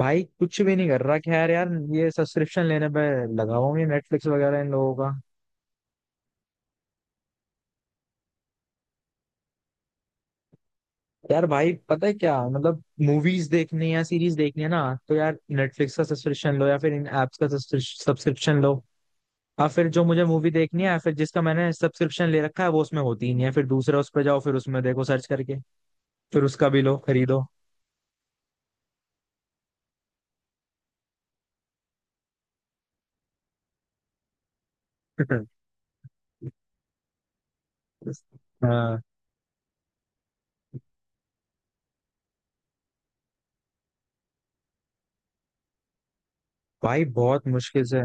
भाई कुछ भी नहीं कर रहा खैर यार, ये सब्सक्रिप्शन लेने पे लगा हुआ हूँ ये नेटफ्लिक्स वगैरह इन लोगों का। यार भाई पता है क्या मतलब, मूवीज देखनी है, सीरीज देखनी है ना, तो यार नेटफ्लिक्स का सब्सक्रिप्शन लो या फिर इन एप्स का सब्सक्रिप्शन लो। और फिर जो मुझे मूवी देखनी है या फिर जिसका मैंने सब्सक्रिप्शन ले रखा है वो उसमें होती ही नहीं है, फिर दूसरा उस पर जाओ, फिर उसमें देखो सर्च करके, फिर उसका भी लो खरीदो। हाँ। भाई बहुत मुश्किल से।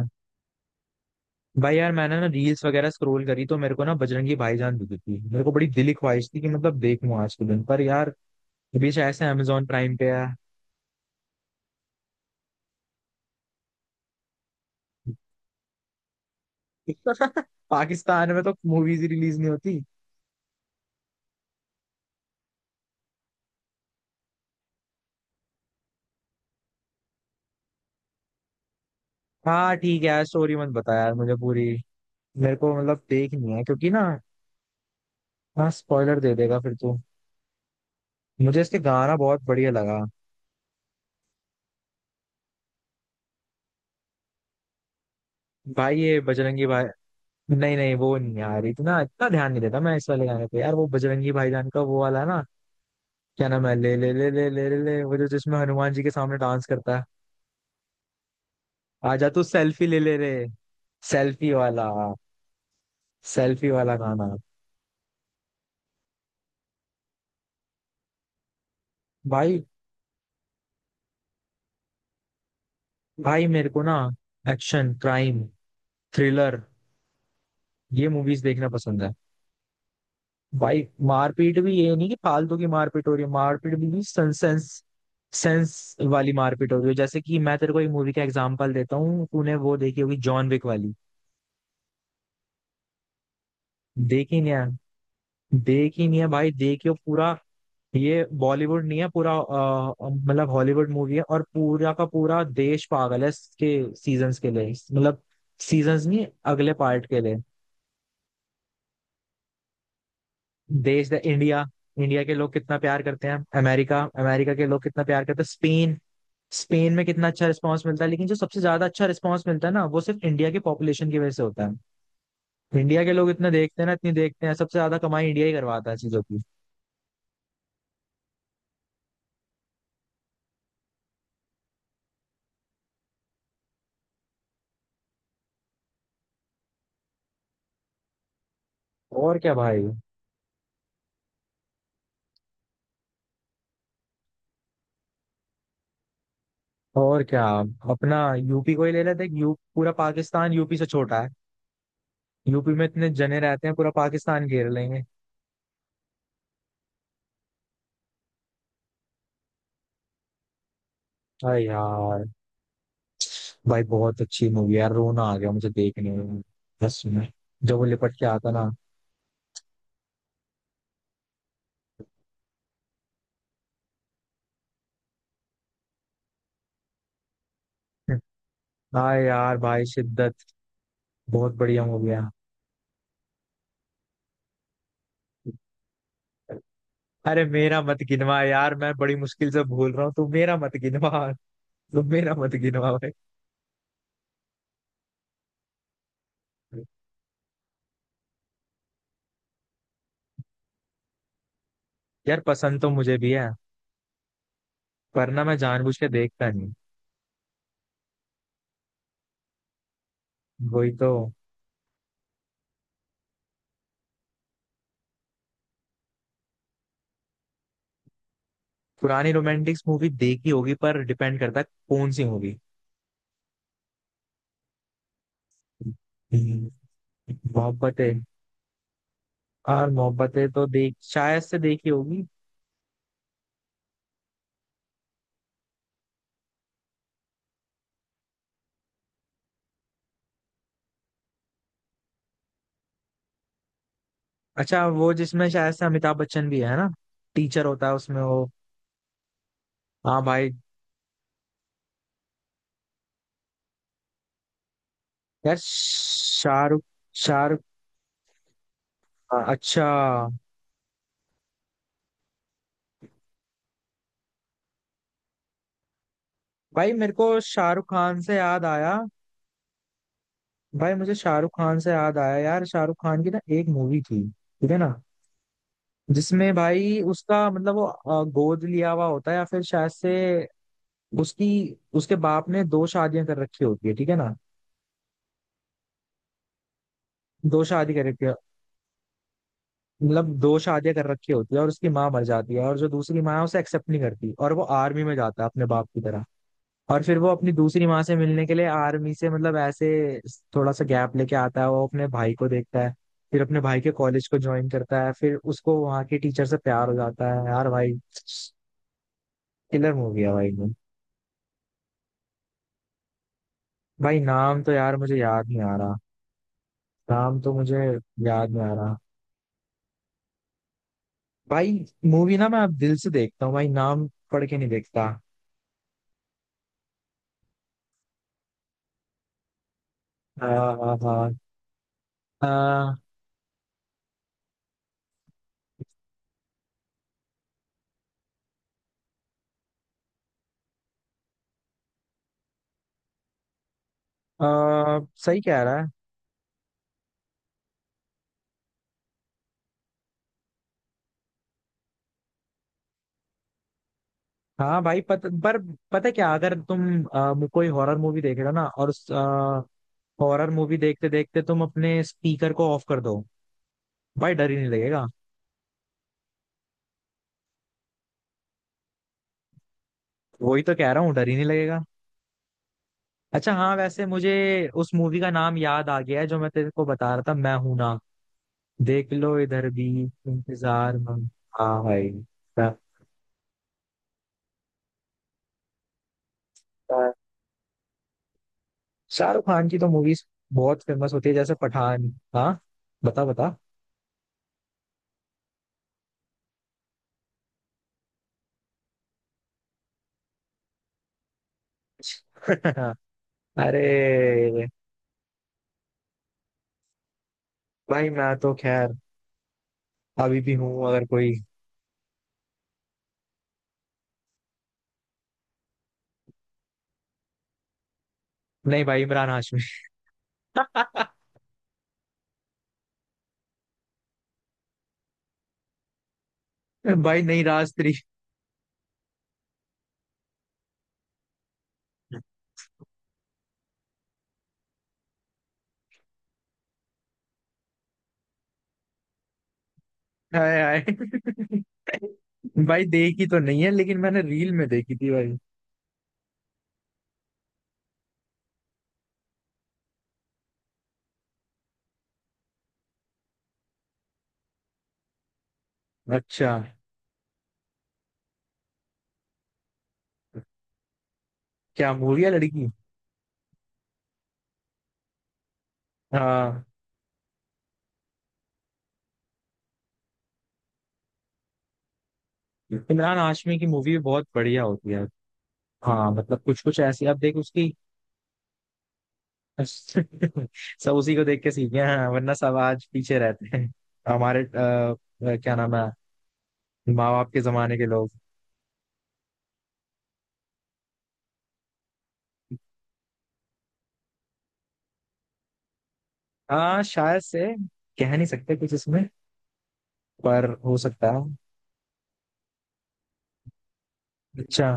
भाई यार मैंने ना रील्स वगैरह स्क्रॉल करी तो मेरे को ना बजरंगी भाईजान दिखी थी, मेरे को बड़ी दिली ख्वाहिश थी कि मतलब देखूं आज के दिन पर यार। अभी शायद से अमेजोन प्राइम पे है। पाकिस्तान में तो मूवीज रिलीज नहीं होती। हाँ ठीक है यार, स्टोरी मत बता यार मुझे पूरी। मेरे को मतलब देखनी है क्योंकि ना। हाँ स्पॉइलर दे देगा फिर तो। मुझे इसके गाना बहुत बढ़िया लगा। भाई ये बजरंगी भाई, नहीं नहीं वो नहीं यार, इतना इतना ध्यान नहीं देता मैं इस वाले गाने पे यार। वो बजरंगी भाईजान का वो वाला ना, क्या नाम है, ले ले ले ले ले ले ले, वो जो जिसमें हनुमान जी के सामने डांस करता है। आजा तू सेल्फी ले ले रे। सेल्फी वाला। सेल्फी वाला गाना। भाई भाई मेरे को ना, एक्शन, क्राइम, थ्रिलर, ये मूवीज देखना पसंद है। भाई मारपीट भी ये नहीं कि फालतू की मारपीट हो रही है, मारपीट भी सेंस सेंस वाली मारपीट हो रही है। जैसे कि मैं तेरे को एक मूवी का एग्जांपल देता हूँ, तूने वो देखी होगी, जॉन विक वाली। देखी नहीं है। देखी नहीं है भाई, देखियो पूरा। ये बॉलीवुड नहीं है पूरा, मतलब हॉलीवुड मूवी है और पूरा का पूरा देश पागल है इसके सीजन्स के लिए। मतलब सीजन्स नहीं, अगले पार्ट के लिए। देश है इंडिया। इंडिया के लोग कितना प्यार करते हैं, अमेरिका, अमेरिका के लोग कितना प्यार करते हैं, स्पेन, स्पेन में कितना अच्छा रिस्पांस मिलता है। लेकिन जो सबसे ज्यादा अच्छा रिस्पांस मिलता है ना, वो सिर्फ इंडिया की पॉपुलेशन की वजह से होता है। इंडिया के लोग इतना देखते हैं ना, इतनी देखते हैं। सबसे ज्यादा कमाई इंडिया ही करवाता है चीजों की। और क्या भाई। और क्या। अपना यूपी को ही ले लेते हैं। यू पूरा पाकिस्तान यूपी से छोटा है। यूपी में इतने जने रहते हैं, पूरा पाकिस्तान घेर लेंगे। अरे यार। भाई बहुत अच्छी मूवी यार, रोना आ गया मुझे देखने में, बस में, जब वो लिपट के आता ना। हाँ यार भाई शिद्दत बहुत बढ़िया मूवी है। अरे मेरा मत गिनवा यार, मैं बड़ी मुश्किल से भूल रहा हूँ, तू मेरा मत गिनवा। तू मेरा मत गिनवा भाई। यार पसंद तो मुझे भी है, पर ना मैं जानबूझ के देखता नहीं। वही तो। पुरानी रोमांटिक्स मूवी देखी होगी, पर डिपेंड करता है कौन सी मूवी। मोहब्बतें। और मोहब्बतें तो देख, शायद से देखी होगी। अच्छा, वो जिसमें शायद से अमिताभ बच्चन भी है ना, टीचर होता है उसमें वो। हाँ भाई। यार शाहरुख, शाहरुख, हाँ, अच्छा। भाई मेरे को शाहरुख खान से याद आया। भाई मुझे शाहरुख खान से याद आया यार, शाहरुख खान की ना एक मूवी थी, ठीक है ना। जिसमें भाई उसका मतलब वो गोद लिया हुआ होता है या फिर शायद से उसकी, उसके बाप ने दो शादियां कर रखी होती है, ठीक है ना। दो शादी कर रखी है। मतलब दो शादियां कर रखी होती है, और उसकी माँ मर जाती है और जो दूसरी माँ है उसे एक्सेप्ट नहीं करती, और वो आर्मी में जाता है अपने बाप की तरह। और फिर वो अपनी दूसरी माँ से मिलने के लिए आर्मी से मतलब ऐसे थोड़ा सा गैप लेके आता है। वो अपने भाई को देखता है, फिर अपने भाई के कॉलेज को ज्वाइन करता है, फिर उसको वहाँ के टीचर से प्यार हो जाता है यार भाई। किलर मूवी है भाई। भाई नाम तो यार मुझे याद नहीं आ रहा। नाम तो मुझे याद नहीं आ रहा भाई। मूवी ना मैं अब दिल से देखता हूँ भाई, नाम पढ़ के नहीं देखता। हाँ। हाँ हाँ। हाँ, सही कह रहा है। हाँ भाई पर पता है क्या, अगर तुम कोई हॉरर मूवी देख रहे हो ना, और उस हॉरर मूवी देखते देखते तुम अपने स्पीकर को ऑफ कर दो, भाई डर ही नहीं लगेगा। वही तो कह रहा हूँ, डर ही नहीं लगेगा। अच्छा हाँ, वैसे मुझे उस मूवी का नाम याद आ गया है जो मैं तेरे को बता रहा था, मैं हूं ना, देख लो इधर भी इंतजार में। हाँ भाई। हाँ। शाहरुख खान की तो मूवीज बहुत फेमस होती है, जैसे पठान। हाँ, बता बता। अरे भाई मैं तो खैर अभी भी हूँ अगर कोई। नहीं भाई, इमरान हाशमी। भाई नहीं, राज थ्री। हाय हाय, भाई देखी तो नहीं है लेकिन मैंने रील में देखी थी भाई। अच्छा। क्या मूवी है लड़की। हाँ, इमरान हाशमी की मूवी भी बहुत बढ़िया होती है। हाँ मतलब कुछ कुछ ऐसी आप देख उसकी। सब उसी को देख के सीखे हैं, वरना सब आज पीछे रहते हैं हमारे क्या नाम है, माँ बाप के जमाने के लोग। हाँ शायद से, कह नहीं सकते कुछ इसमें, पर हो सकता है। अच्छा,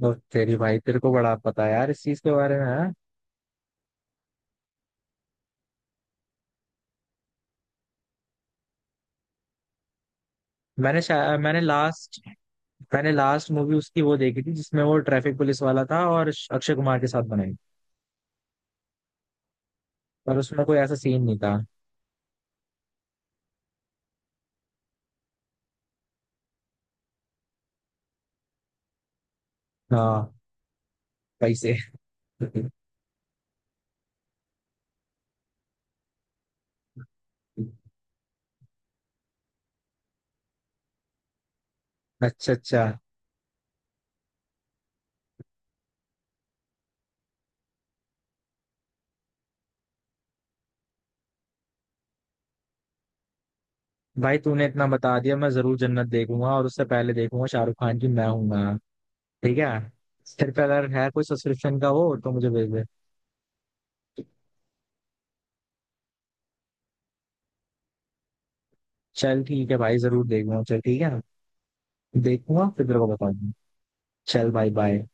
तो तेरी, भाई तेरे को बड़ा पता है यार इस चीज के बारे में हाँ? मैंने लास्ट, मैंने लास्ट मूवी उसकी वो देखी थी जिसमें वो ट्रैफिक पुलिस वाला था, और अक्षय कुमार के साथ बनाई। पर उसमें कोई ऐसा सीन नहीं था। हाँ। पैसे। अच्छा अच्छा। भाई तूने इतना बता दिया, मैं जरूर जन्नत देखूंगा, और उससे पहले देखूंगा शाहरुख खान की मैं हूं ना। ठीक है। तेरे पे अगर है कोई सब्सक्रिप्शन का वो तो मुझे भेज दे। चल ठीक है भाई, जरूर देखूंगा, चल ठीक है। देखूंगा फिर तेरे को बताऊंगा। चल भाई बाय।